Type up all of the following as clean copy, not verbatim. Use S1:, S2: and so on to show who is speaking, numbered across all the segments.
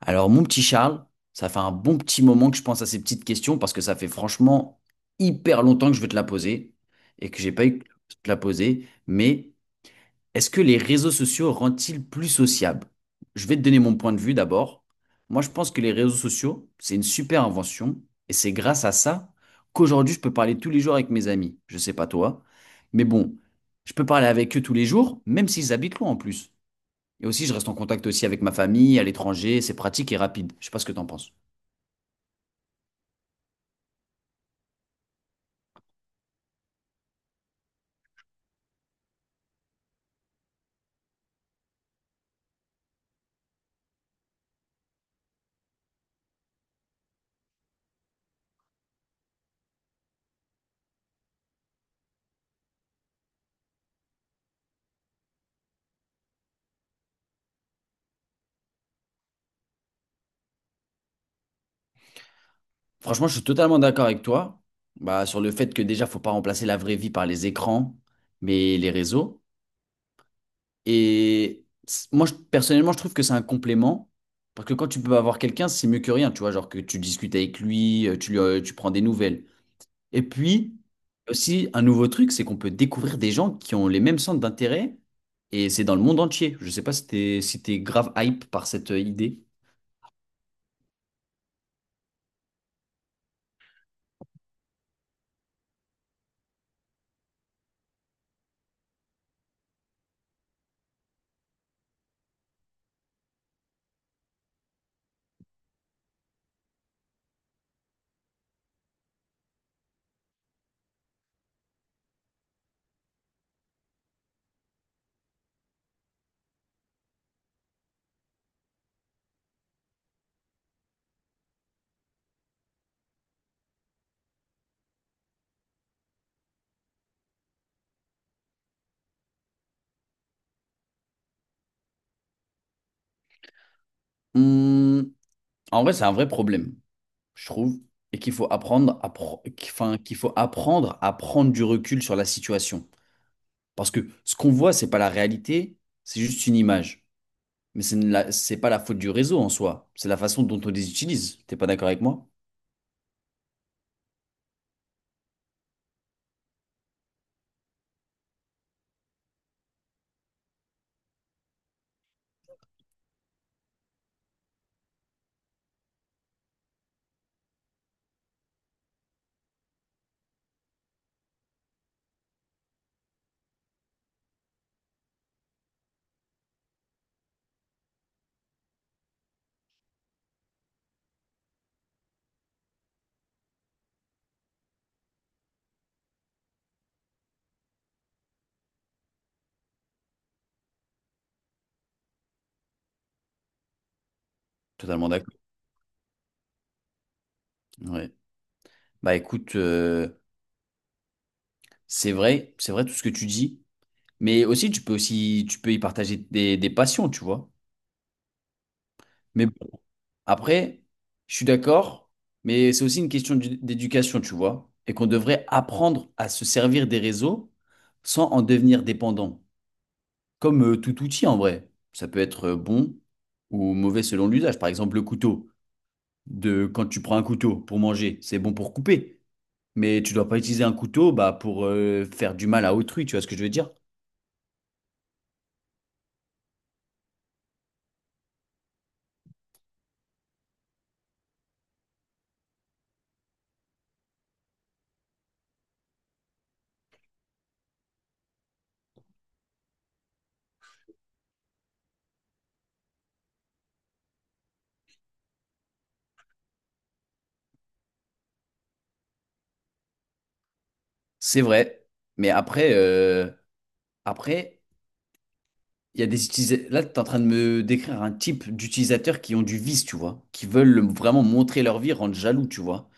S1: Alors, mon petit Charles, ça fait un bon petit moment que je pense à ces petites questions parce que ça fait franchement hyper longtemps que je veux te la poser et que j'ai pas eu de te la poser. Mais est-ce que les réseaux sociaux rendent-ils plus sociables? Je vais te donner mon point de vue d'abord. Moi, je pense que les réseaux sociaux, c'est une super invention et c'est grâce à ça qu'aujourd'hui, je peux parler tous les jours avec mes amis. Je sais pas toi, mais bon, je peux parler avec eux tous les jours, même s'ils habitent loin en plus. Et aussi, je reste en contact aussi avec ma famille à l'étranger. C'est pratique et rapide. Je sais pas ce que t'en penses. Franchement, je suis totalement d'accord avec toi. Bah, sur le fait que déjà, faut pas remplacer la vraie vie par les écrans, mais les réseaux. Moi, personnellement, je trouve que c'est un complément. Parce que quand tu peux avoir quelqu'un, c'est mieux que rien. Tu vois, genre que tu discutes avec lui, tu, lui, tu prends des nouvelles. Et puis, aussi, un nouveau truc, c'est qu'on peut découvrir des gens qui ont les mêmes centres d'intérêt. Et c'est dans le monde entier. Je sais pas si t'es grave hype par cette idée. Hmm, en vrai, c'est un vrai problème, je trouve, et qu'il faut apprendre à pro- qu'- enfin, qu'il faut apprendre à prendre du recul sur la situation. Parce que ce qu'on voit, c'est pas la réalité, c'est juste une image. Mais c'est pas la faute du réseau en soi, c'est la façon dont on les utilise. T'es pas d'accord avec moi? Totalement d'accord. Ouais. Bah écoute, c'est vrai tout ce que tu dis, mais aussi tu peux y partager des passions, tu vois. Mais bon, après, je suis d'accord, mais c'est aussi une question d'éducation, tu vois, et qu'on devrait apprendre à se servir des réseaux sans en devenir dépendant, comme tout outil en vrai. Ça peut être bon ou mauvais selon l'usage. Par exemple, le couteau, de quand tu prends un couteau pour manger, c'est bon pour couper, mais tu dois pas utiliser un couteau bah, pour faire du mal à autrui, tu vois ce que je veux dire? C'est vrai, mais après, après. Il y a des utilisateurs. Là, tu es en train de me décrire un type d'utilisateurs qui ont du vice, tu vois, qui veulent vraiment montrer leur vie, rendre jaloux, tu vois.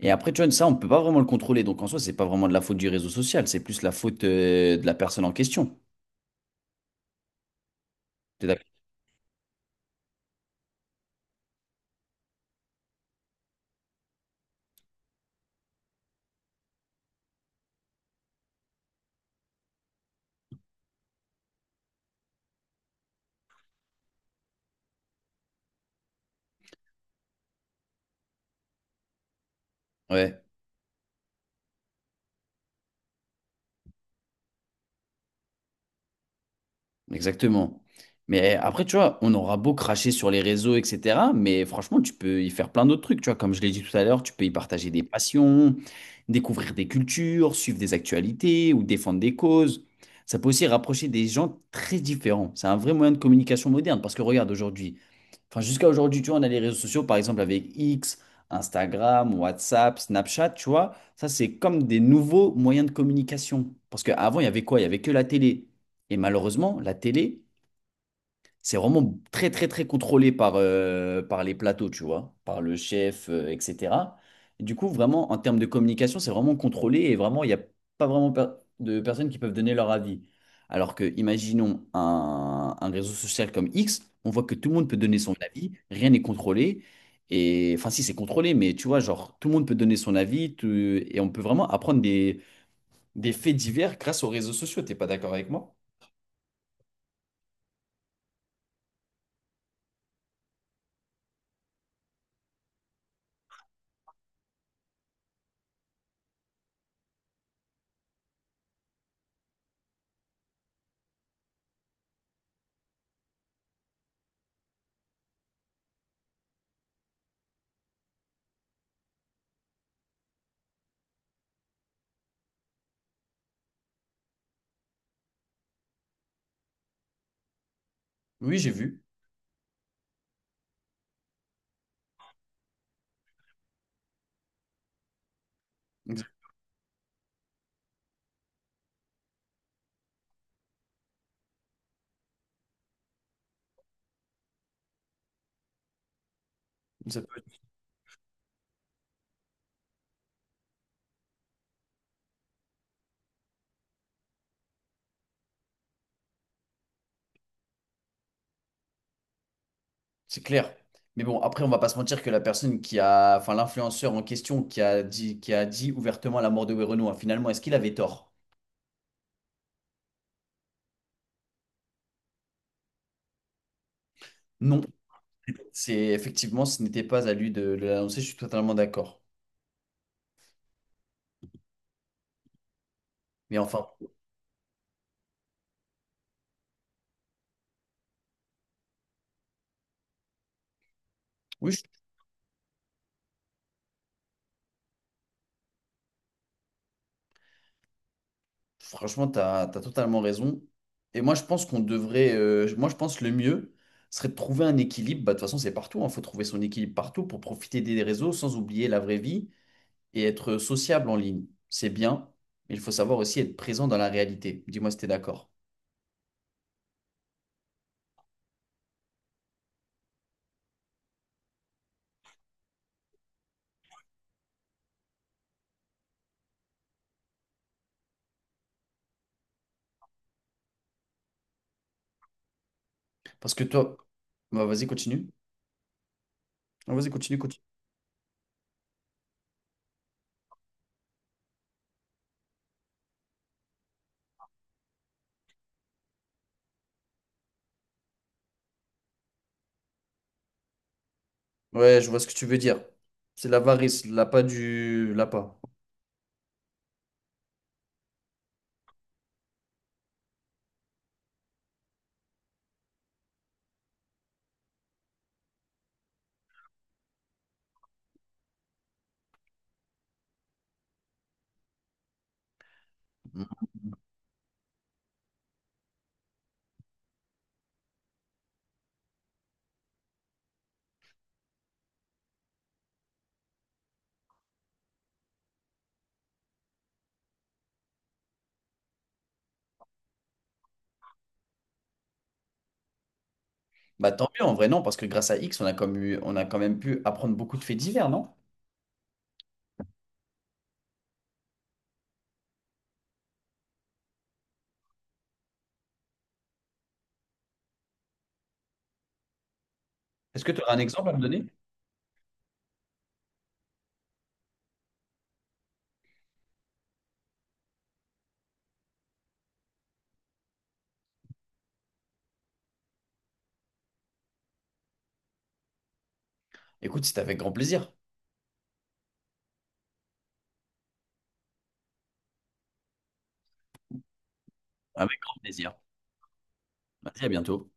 S1: Et après, tu vois, ça, on peut pas vraiment le contrôler. Donc en soi, c'est pas vraiment de la faute du réseau social, c'est plus la faute de la personne en question. T'es d'accord? Ouais. Exactement. Mais eh, après, tu vois, on aura beau cracher sur les réseaux, etc. Mais franchement, tu peux y faire plein d'autres trucs. Tu vois, comme je l'ai dit tout à l'heure, tu peux y partager des passions, découvrir des cultures, suivre des actualités ou défendre des causes. Ça peut aussi rapprocher des gens très différents. C'est un vrai moyen de communication moderne. Parce que regarde, aujourd'hui, enfin jusqu'à aujourd'hui, tu vois, on a les réseaux sociaux, par exemple, avec X, Instagram, WhatsApp, Snapchat, tu vois. Ça, c'est comme des nouveaux moyens de communication. Parce qu'avant, il y avait quoi? Il y avait que la télé. Et malheureusement, la télé, c'est vraiment très, très, très contrôlé par, par les plateaux, tu vois, par le chef, etc. Et du coup, vraiment, en termes de communication, c'est vraiment contrôlé et vraiment, il n'y a pas vraiment de personnes qui peuvent donner leur avis. Alors que, imaginons un réseau social comme X, on voit que tout le monde peut donner son avis, rien n'est contrôlé. Et enfin, si c'est contrôlé, mais tu vois, genre, tout le monde peut donner son avis et on peut vraiment apprendre des faits divers grâce aux réseaux sociaux. T'es pas d'accord avec moi? Oui, j'ai vu. Ça peut- C'est clair. Mais bon, après, on va pas se mentir que la personne qui a, enfin, l'influenceur en question qui a dit ouvertement la mort de Werenoi, finalement, est-ce qu'il avait tort? Non. C'est effectivement, ce n'était pas à lui de l'annoncer, je suis totalement d'accord. Mais enfin, oui, franchement, tu as, totalement raison. Et moi, je pense qu'on devrait, moi, je pense que le mieux serait de trouver un équilibre. Bah, de toute façon, c'est partout, il faut trouver son équilibre partout pour profiter des réseaux sans oublier la vraie vie et être sociable en ligne, c'est bien, mais il faut savoir aussi être présent dans la réalité. Dis-moi si t'es d'accord. Parce que toi, bah, vas-y, continue. Ah, vas-y, continue. Ouais, je vois ce que tu veux dire. C'est l'avarice, l'appât du... L'appât. Mhm. Bah tant mieux, en vrai, non, parce que grâce à X, on a on a quand même pu apprendre beaucoup de faits divers, non? Est-ce que tu aurais un exemple à me donner? Écoute, c'était avec grand plaisir. Avec grand plaisir. Vas-y, à bientôt.